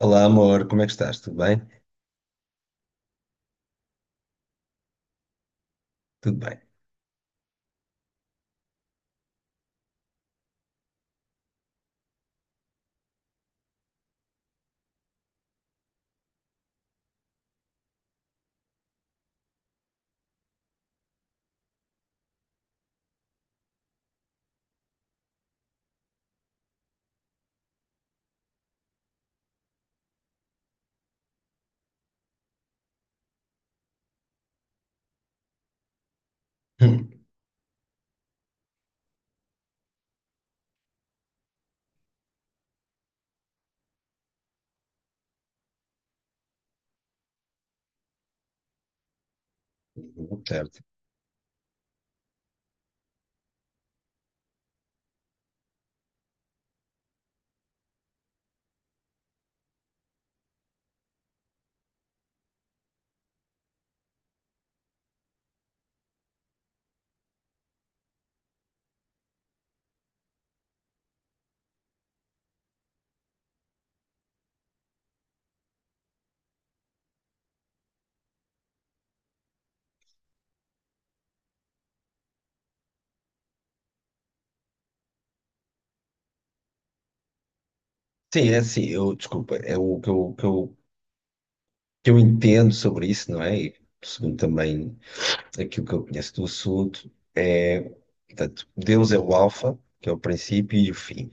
Olá, amor, como é que estás? Tudo bem? Tudo bem. Hum, certo. Sim, é assim, eu, desculpa, é o que eu entendo sobre isso, não é? E segundo também aquilo que eu conheço do assunto, é, portanto, Deus é o alfa, que é o princípio e o fim.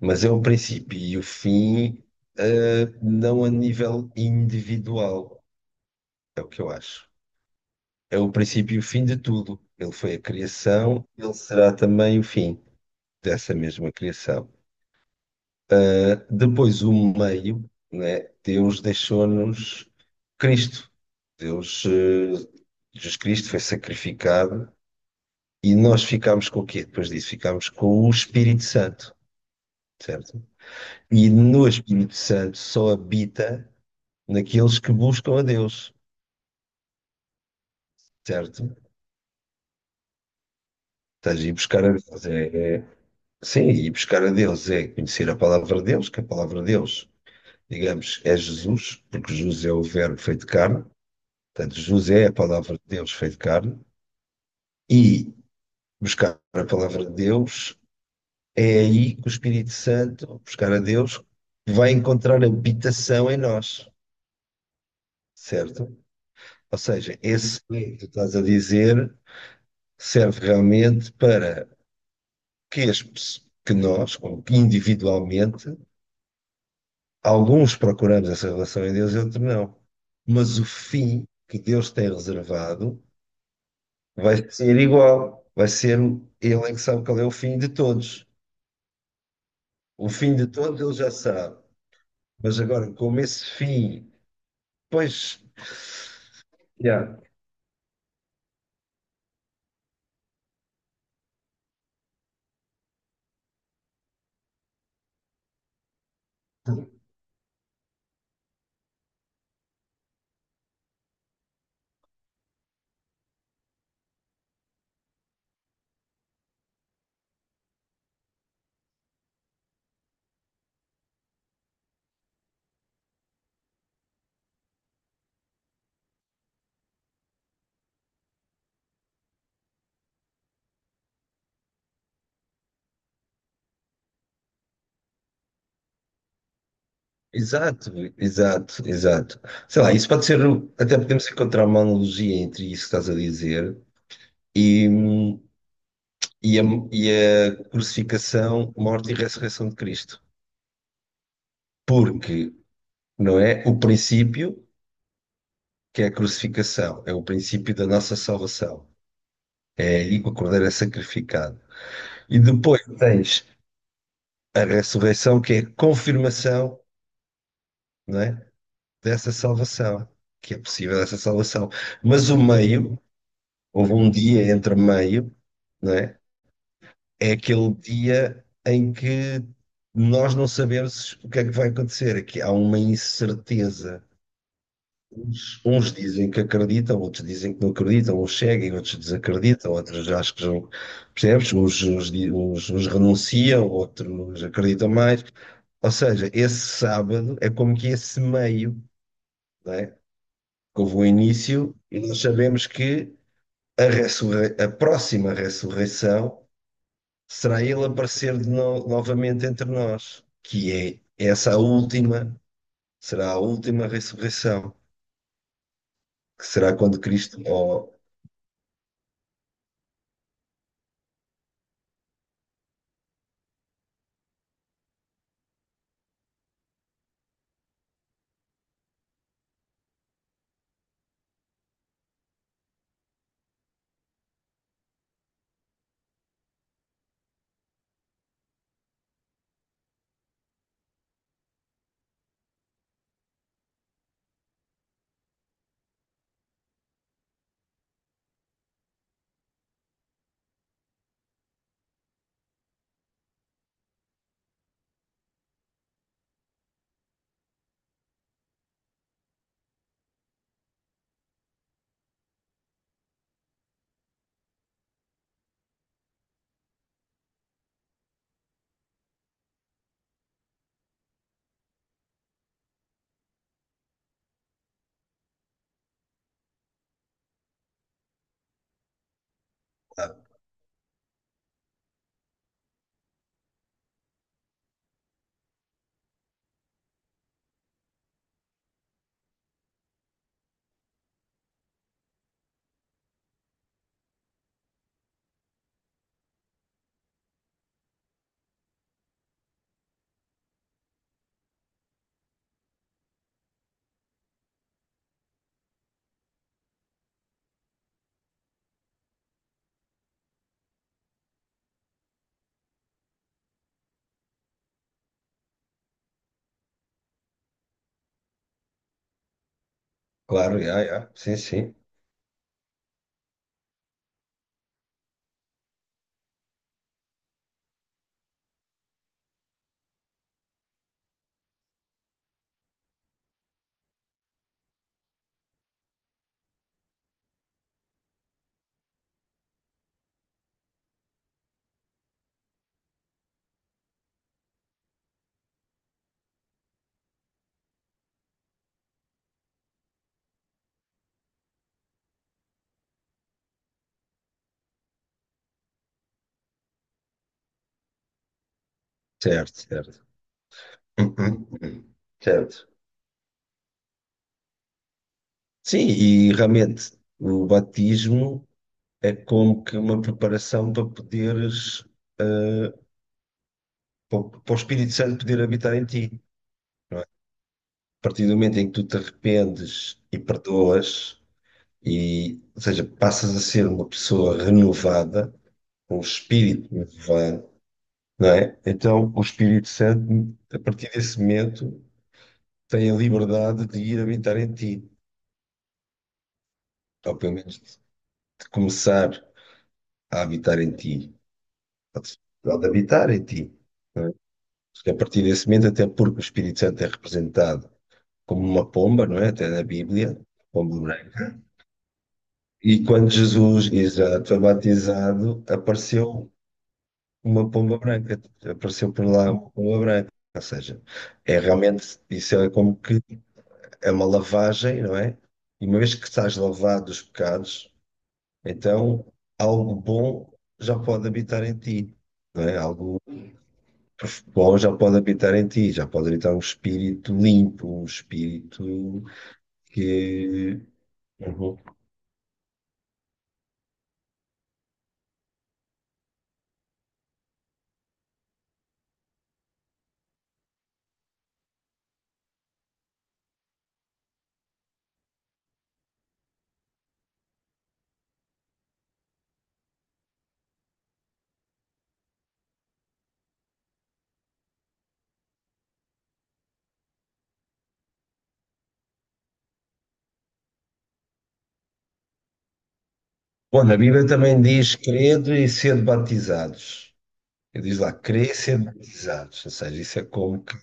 Mas é o princípio e o fim, não a nível individual, é o que eu acho. É o princípio e o fim de tudo. Ele foi a criação, ele será também o fim dessa mesma criação. Depois, o meio, né? Deus deixou-nos Cristo. Deus, Jesus Cristo foi sacrificado e nós ficámos com o quê? Depois disso, ficámos com o Espírito Santo, certo? E no Espírito Santo só habita naqueles que buscam a Deus, certo? Estás a ir buscar a Deus. Sim, ir buscar a Deus é conhecer a palavra de Deus, que a palavra de Deus, digamos, é Jesus, porque Jesus é o Verbo feito carne. Portanto, José é a palavra de Deus feito carne e buscar a palavra de Deus é aí que o Espírito Santo, buscar a Deus, vai encontrar habitação em nós, certo? Ou seja, esse que tu estás a dizer serve realmente para que, as, que nós, ou que individualmente, alguns procuramos essa relação em Deus e outros não. Mas o fim que Deus tem reservado vai ser igual, vai ser. Ele é que sabe qual é o fim de todos. O fim de todos ele já sabe. Mas agora, como esse fim, pois, yeah, exato, exato, exato. Sei lá, isso pode ser, o- até podemos encontrar uma analogia entre isso que estás a dizer e, hum, e, a, e a crucificação, morte e ressurreição de Cristo. Porque, não é? O princípio, que é a crucificação, é o princípio da nossa salvação. É aí que o Cordeiro é sacrificado. E depois tens a ressurreição, que é a confirmação, não é? Dessa salvação, que é possível essa salvação. Mas o meio, houve um dia entre meio, não é? É aquele dia em que nós não sabemos o que é que vai acontecer, é que há uma incerteza. Uns dizem que acreditam, outros dizem que não acreditam, uns seguem, outros desacreditam, outros acho que já, percebes? Uns renunciam, outros acreditam mais. Ou seja, esse sábado é como que esse meio, houve um início e nós sabemos que a próxima ressurreição será ele aparecer de no- novamente entre nós, que é essa a última, será a última ressurreição, que será quando Cristo. Oh, ah, claro, já, já, sim, sim, certo, certo. Uhum, uhum, certo. Sim, e realmente o batismo é como que uma preparação para poderes, eh, para o Espírito Santo poder habitar em ti. A partir do momento em que tu te arrependes e perdoas, e, ou seja, passas a ser uma pessoa renovada, com um espírito renovado, não é? Então, o Espírito Santo, a partir desse momento, tem a liberdade de ir habitar em ti, ou pelo menos de começar a habitar em ti, ou de ou de habitar em ti. Não é? Porque a partir desse momento, até porque o Espírito Santo é representado como uma pomba, não é? Até na Bíblia, pomba branca. E quando Jesus, exato, foi batizado, apareceu uma pomba branca, apareceu por lá uma pomba branca. Ou seja, é realmente, isso é como que é uma lavagem, não é? E uma vez que estás lavado dos pecados, então algo bom já pode habitar em ti, não é? Algo bom já pode habitar em ti, já pode habitar um espírito limpo, um espírito que. Uhum. Bom, na Bíblia também diz: crede e sede batizados. E diz lá, crescer crecendizados, ou seja, isso é como que.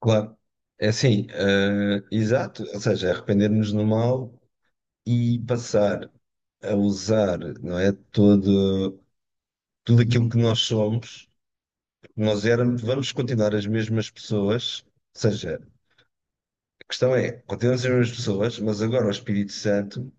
Claro, é assim, eh, exato, ou seja, arrepender-nos no mal e passar a usar, não é, todo, tudo aquilo que nós somos, que nós éramos, vamos continuar as mesmas pessoas, ou seja, a questão é, continuamos as mesmas pessoas, mas agora o Espírito Santo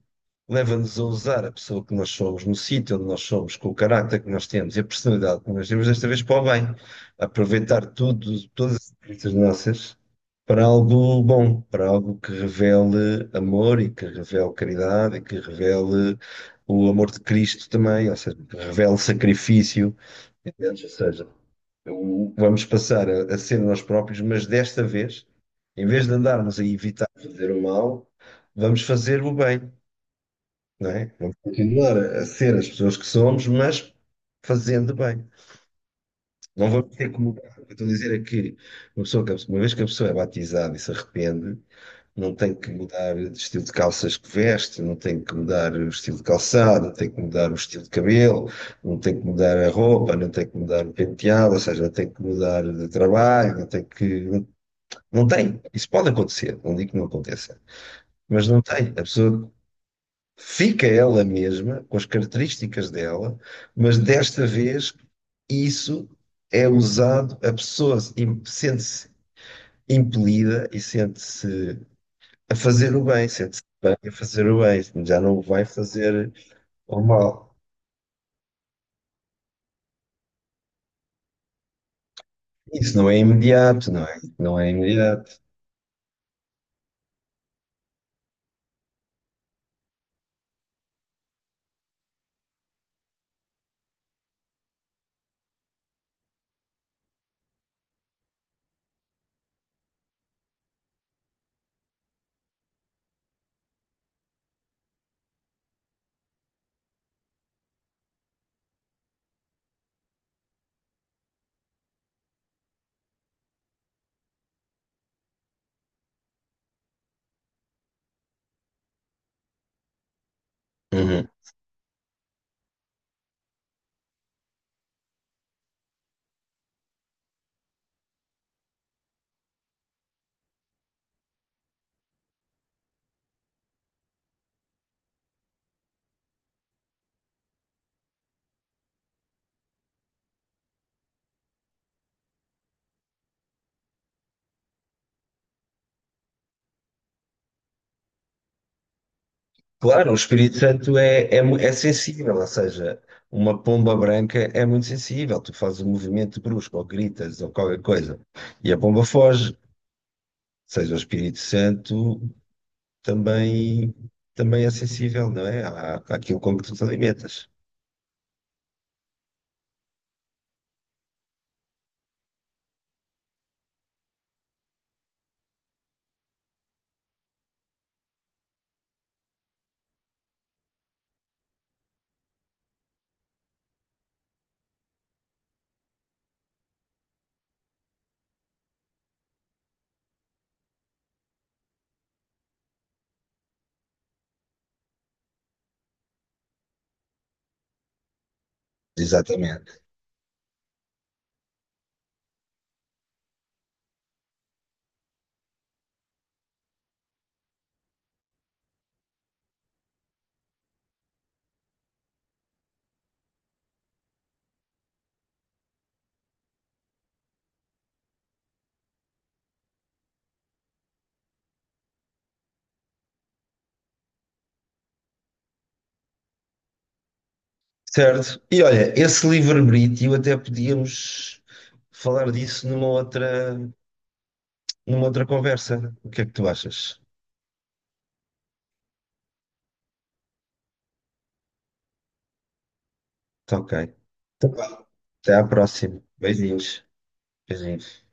leva-nos a usar a pessoa que nós somos, no sítio onde nós somos, com o caráter que nós temos e a personalidade que nós temos, desta vez para o bem. Aproveitar tudo, todas as experiências nossas para algo bom, para algo que revele amor e que revele caridade e que revele o amor de Cristo também, ou seja, que revele sacrifício. Entendes? Ou seja, o- vamos passar a ser nós próprios, mas desta vez, em vez de andarmos a evitar fazer o mal, vamos fazer o bem, não é? Vamos continuar a ser as pessoas que somos, mas fazendo bem. Não vamos ter que mudar. O que eu estou a dizer é que uma vez que a pessoa é batizada e se arrepende, não tem que mudar o estilo de calças que veste, não tem que mudar o estilo de calçado, não tem que mudar o estilo de cabelo, não tem que mudar a roupa, não tem que mudar o penteado, ou seja, não tem que mudar de trabalho, não tem que. Não, não tem. Isso pode acontecer, não digo que não aconteça. Mas não tem. A pessoa fica ela mesma, com as características dela, mas desta vez isso é usado, a pessoa sente-se impelida e sente-se a fazer o bem, sente-se bem a fazer o bem, já não vai fazer o mal. Isso não é imediato, não é? Não é imediato. Uhum. Claro, o Espírito Santo é sensível, ou seja, uma pomba branca é muito sensível. Tu fazes um movimento brusco, ou gritas, ou qualquer coisa, e a pomba foge. Seja, o Espírito Santo também, também é sensível, não é? À, àquilo como tu te alimentas. Exatamente. Certo. E olha, esse livre-arbítrio até podíamos falar disso numa outra conversa. O que é que tu achas? Tá ok. Então, vá. Até à próxima. Beijinhos. Beijinhos.